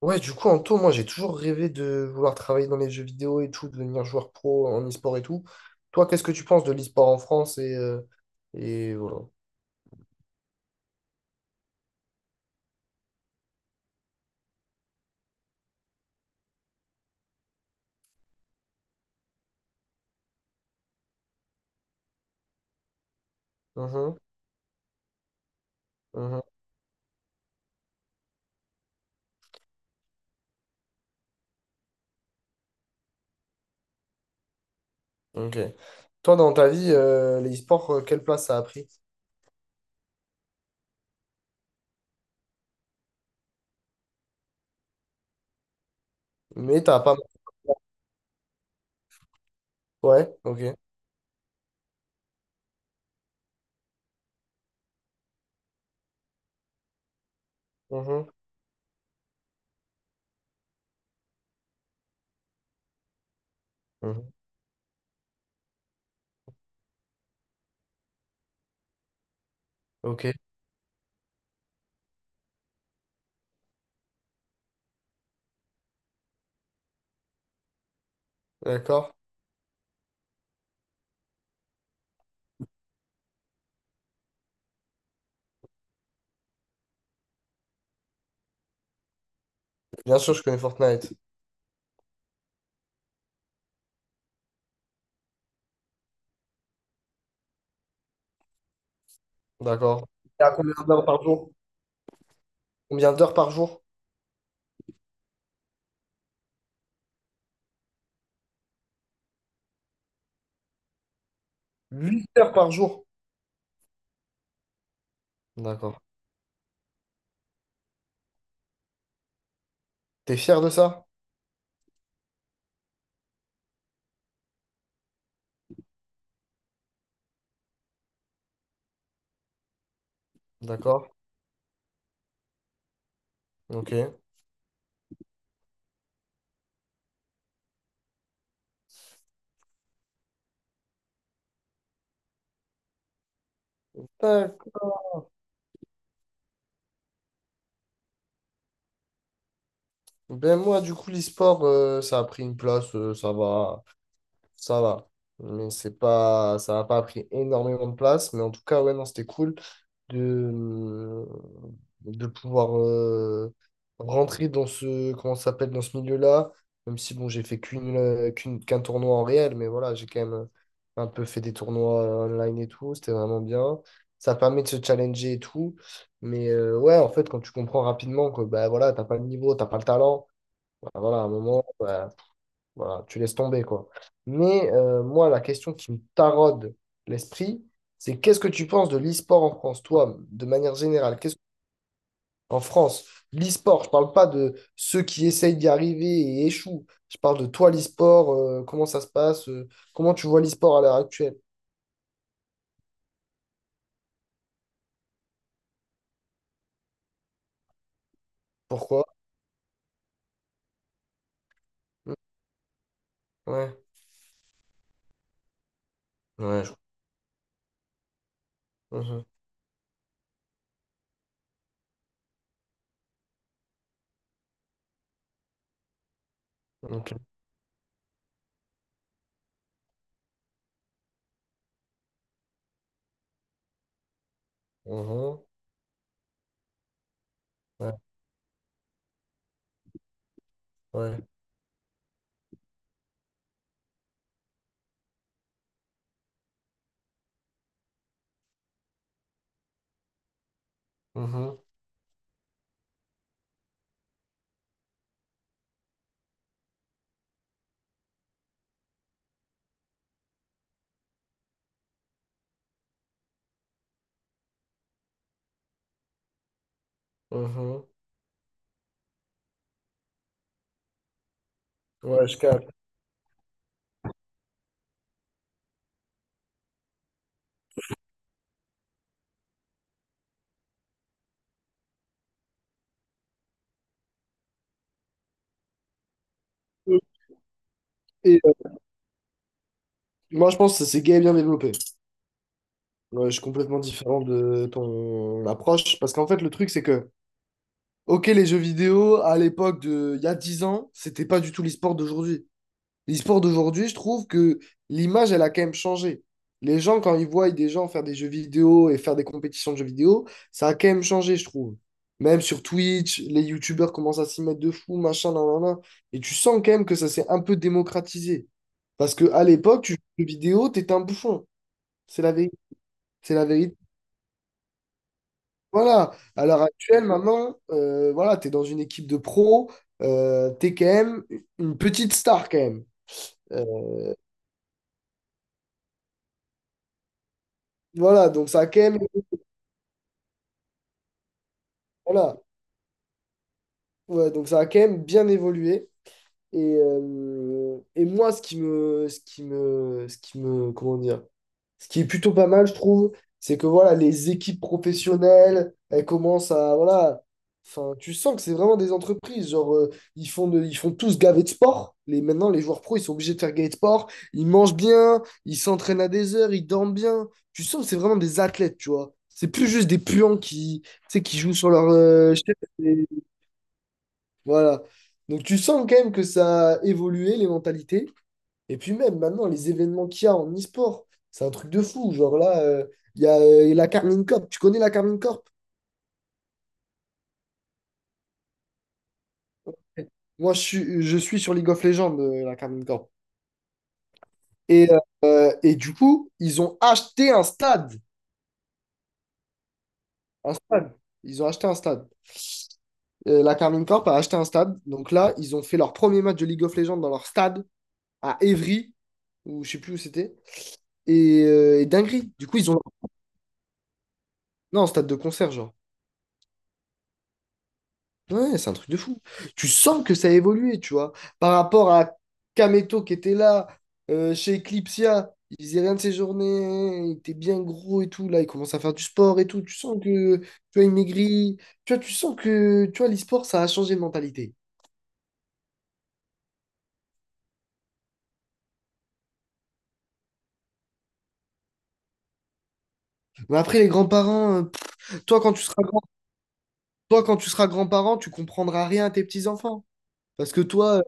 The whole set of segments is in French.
Ouais, du coup, en tout, moi, j'ai toujours rêvé de vouloir travailler dans les jeux vidéo et tout, de devenir joueur pro en e-sport et tout. Toi, qu'est-ce que tu penses de l'e-sport en France et voilà. Mhm. Mhm. Ok. Toi, dans ta vie, l'e-sport, quelle place ça a pris? Mais t'as pas... Ouais, ok. Mhm. Mhm. Ok, d'accord. Bien sûr, je connais Fortnite. D'accord. Et à combien d'heures par jour? Combien d'heures par jour? 8 heures par jour. D'accord. T'es fier de ça? D'accord. Ok. D'accord. Ben moi, du coup, l'e-sport, ça a pris une place, ça va, ça va. Mais c'est pas, ça n'a pas pris énormément de place. Mais en tout cas, ouais, non, c'était cool. de, mmh, de pouvoir rentrer dans ce, comment ça s'appelle, dans ce milieu-là, même si bon, j'ai fait qu'un tournoi en réel, mais voilà, j'ai quand même un peu fait des tournois online et tout, c'était vraiment bien. Ça permet de se challenger et tout. Mais ouais, en fait, quand tu comprends rapidement que bah voilà, t'as pas le niveau, t'as pas le talent, bah, voilà, à un moment, bah, voilà, tu laisses tomber, quoi. Mais moi, la question qui me taraude l'esprit, c'est qu'est-ce que tu penses de l'e-sport en France, toi, de manière générale? Qu'est-ce En France, l'e-sport, je parle pas de ceux qui essayent d'y arriver et échouent. Je parle de toi, l'e-sport, comment ça se passe, comment tu vois l'e-sport à l'heure actuelle? Pourquoi? Mm. Ouais, ouais, mhm, ok. Mhm, ouais, ouais, mhm, mhm. Ouais, je capte. Et moi, je pense que c'est gay et bien développé. Ouais, je suis complètement différent de ton approche. Parce qu'en fait, le truc, c'est que, ok, les jeux vidéo, à l'époque il y a 10 ans, c'était pas du tout l'e-sport d'aujourd'hui. L'e-sport d'aujourd'hui, je trouve que l'image, elle a quand même changé. Les gens, quand ils voient des gens faire des jeux vidéo et faire des compétitions de jeux vidéo, ça a quand même changé, je trouve. Même sur Twitch, les youtubeurs commencent à s'y mettre de fou, machin, nan, nan, nan. Et tu sens quand même que ça s'est un peu démocratisé. Parce que à l'époque, tu jouais aux jeux vidéo, t'étais un bouffon. C'est la vérité. C'est la vérité. Voilà, à l'heure actuelle, maintenant, voilà, tu es dans une équipe de pro, tu es quand même une petite star quand même. Euh, voilà, donc ça a quand même, voilà, ouais, donc ça a quand même bien évolué. Et moi, ce qui me, ce qui me, ce qui me, comment dire, ce qui est plutôt pas mal, je trouve, c'est que voilà, les équipes professionnelles, elles commencent à, voilà, enfin, tu sens que c'est vraiment des entreprises. Genre, ils font tous gaver de sport. Maintenant, les joueurs pros, ils sont obligés de faire gaver de sport. Ils mangent bien, ils s'entraînent à des heures, ils dorment bien. Tu sens que c'est vraiment des athlètes, tu vois. C'est plus juste des puants qui, tu sais, qui jouent sur leur chaise et- voilà. Donc, tu sens quand même que ça a évolué, les mentalités. Et puis même maintenant, les événements qu'il y a en e-sport, c'est un truc de fou. Genre là, il y a la Carmine Corp. Tu connais la Carmine Corp? Moi, je suis sur League of Legends, la Carmine Corp. Et, et du coup, ils ont acheté un stade. Un stade. Ils ont acheté un stade. La Carmine Corp a acheté un stade. Donc là, ils ont fait leur premier match de League of Legends dans leur stade à Évry, ou je sais plus où c'était. Et dinguerie. Du coup, ils ont. Non, stade de concert, genre. Ouais, c'est un truc de fou. Tu sens que ça a évolué, tu vois. Par rapport à Kameto qui était là, chez Eclipsia, il faisait rien de ses journées, il était bien gros et tout. Là, il commence à faire du sport et tout. Tu sens que, tu vois, il maigrit. Tu vois, tu sens que, tu vois, l'e-sport, ça a changé de mentalité. Mais après, les grands-parents, toi, quand tu seras grand, toi, quand tu seras grand-parent, tu comprendras rien à tes petits-enfants. Parce que toi, euh,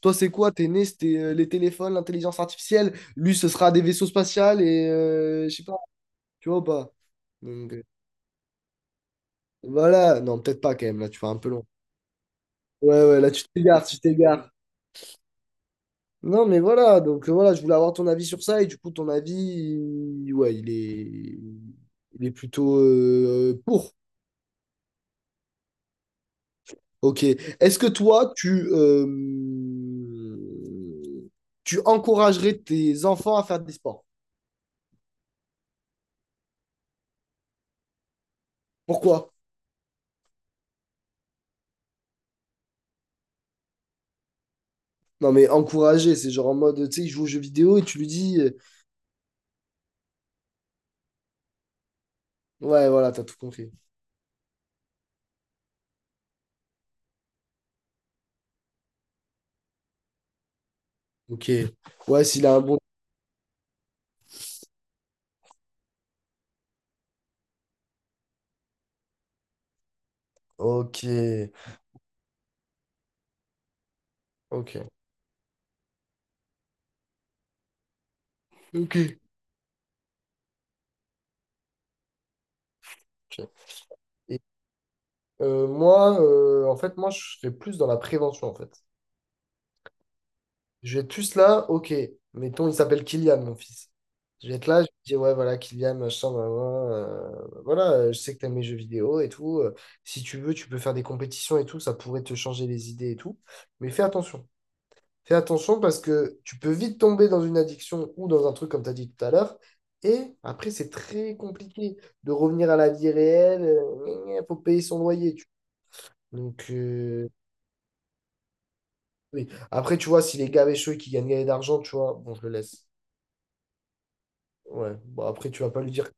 toi, c'est quoi? T'es né, c'était les téléphones, l'intelligence artificielle. Lui, ce sera des vaisseaux spatials et, je sais pas. Tu vois ou pas? Donc, voilà, non, peut-être pas quand même, là, tu vas un peu long. Ouais, ouais, là, tu t'égares, tu t'égares. Non, mais voilà, donc voilà, je voulais avoir ton avis sur ça, et du coup, ton avis, ouais, il est plutôt pour. Ok. Est-ce que toi, euh, tu encouragerais tes enfants à faire des sports? Pourquoi? Non, mais encourager, c'est genre en mode, tu sais, il joue aux jeux vidéo et tu lui dis, ouais, voilà, t'as tout compris. Ok. Ouais, s'il a un bon. Ok. Ok. Ok. Ok. Et, en fait, moi, je serais plus dans la prévention, en fait. Je vais être plus là, ok, mettons, il s'appelle Kylian, mon fils. Je vais être là, je vais dire, ouais, voilà, Kylian, machin, blablabla, voilà, je sais que t'aimes mes jeux vidéo et tout. Si tu veux, tu peux faire des compétitions et tout, ça pourrait te changer les idées et tout. Mais fais attention. Fais attention parce que tu peux vite tomber dans une addiction ou dans un truc, comme tu as dit tout à l'heure. Et après, c'est très compliqué de revenir à la vie réelle. Il faut payer son loyer. Donc, oui. Après, tu vois, si les gars avaient chaud et qu'ils gagnent gagner d'argent, tu vois, bon, je le laisse. Ouais. Bon, après, tu vas pas lui dire.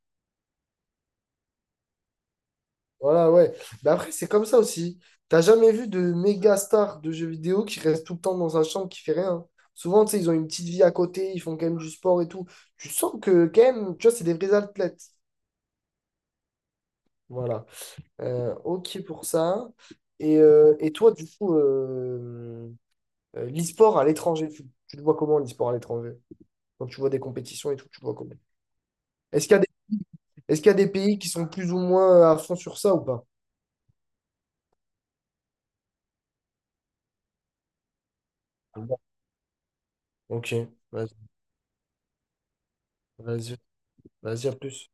Voilà, ouais. Mais après, c'est comme ça aussi. T'as jamais vu de méga star de jeux vidéo qui reste tout le temps dans sa chambre, qui fait rien. Souvent, tu sais, ils ont une petite vie à côté, ils font quand même du sport et tout. Tu sens que, quand même, tu vois, c'est des vrais athlètes. Voilà. Ok pour ça. Et toi, du coup, l'e-sport à l'étranger, tu le vois comment l'e-sport à l'étranger? Quand tu vois des compétitions et tout, tu le vois comment? Est-ce qu'il y a est-ce qu'il y a des pays qui sont plus ou moins à fond sur ça ou pas? Ok, vas-y, vas-y, vas-y, à plus.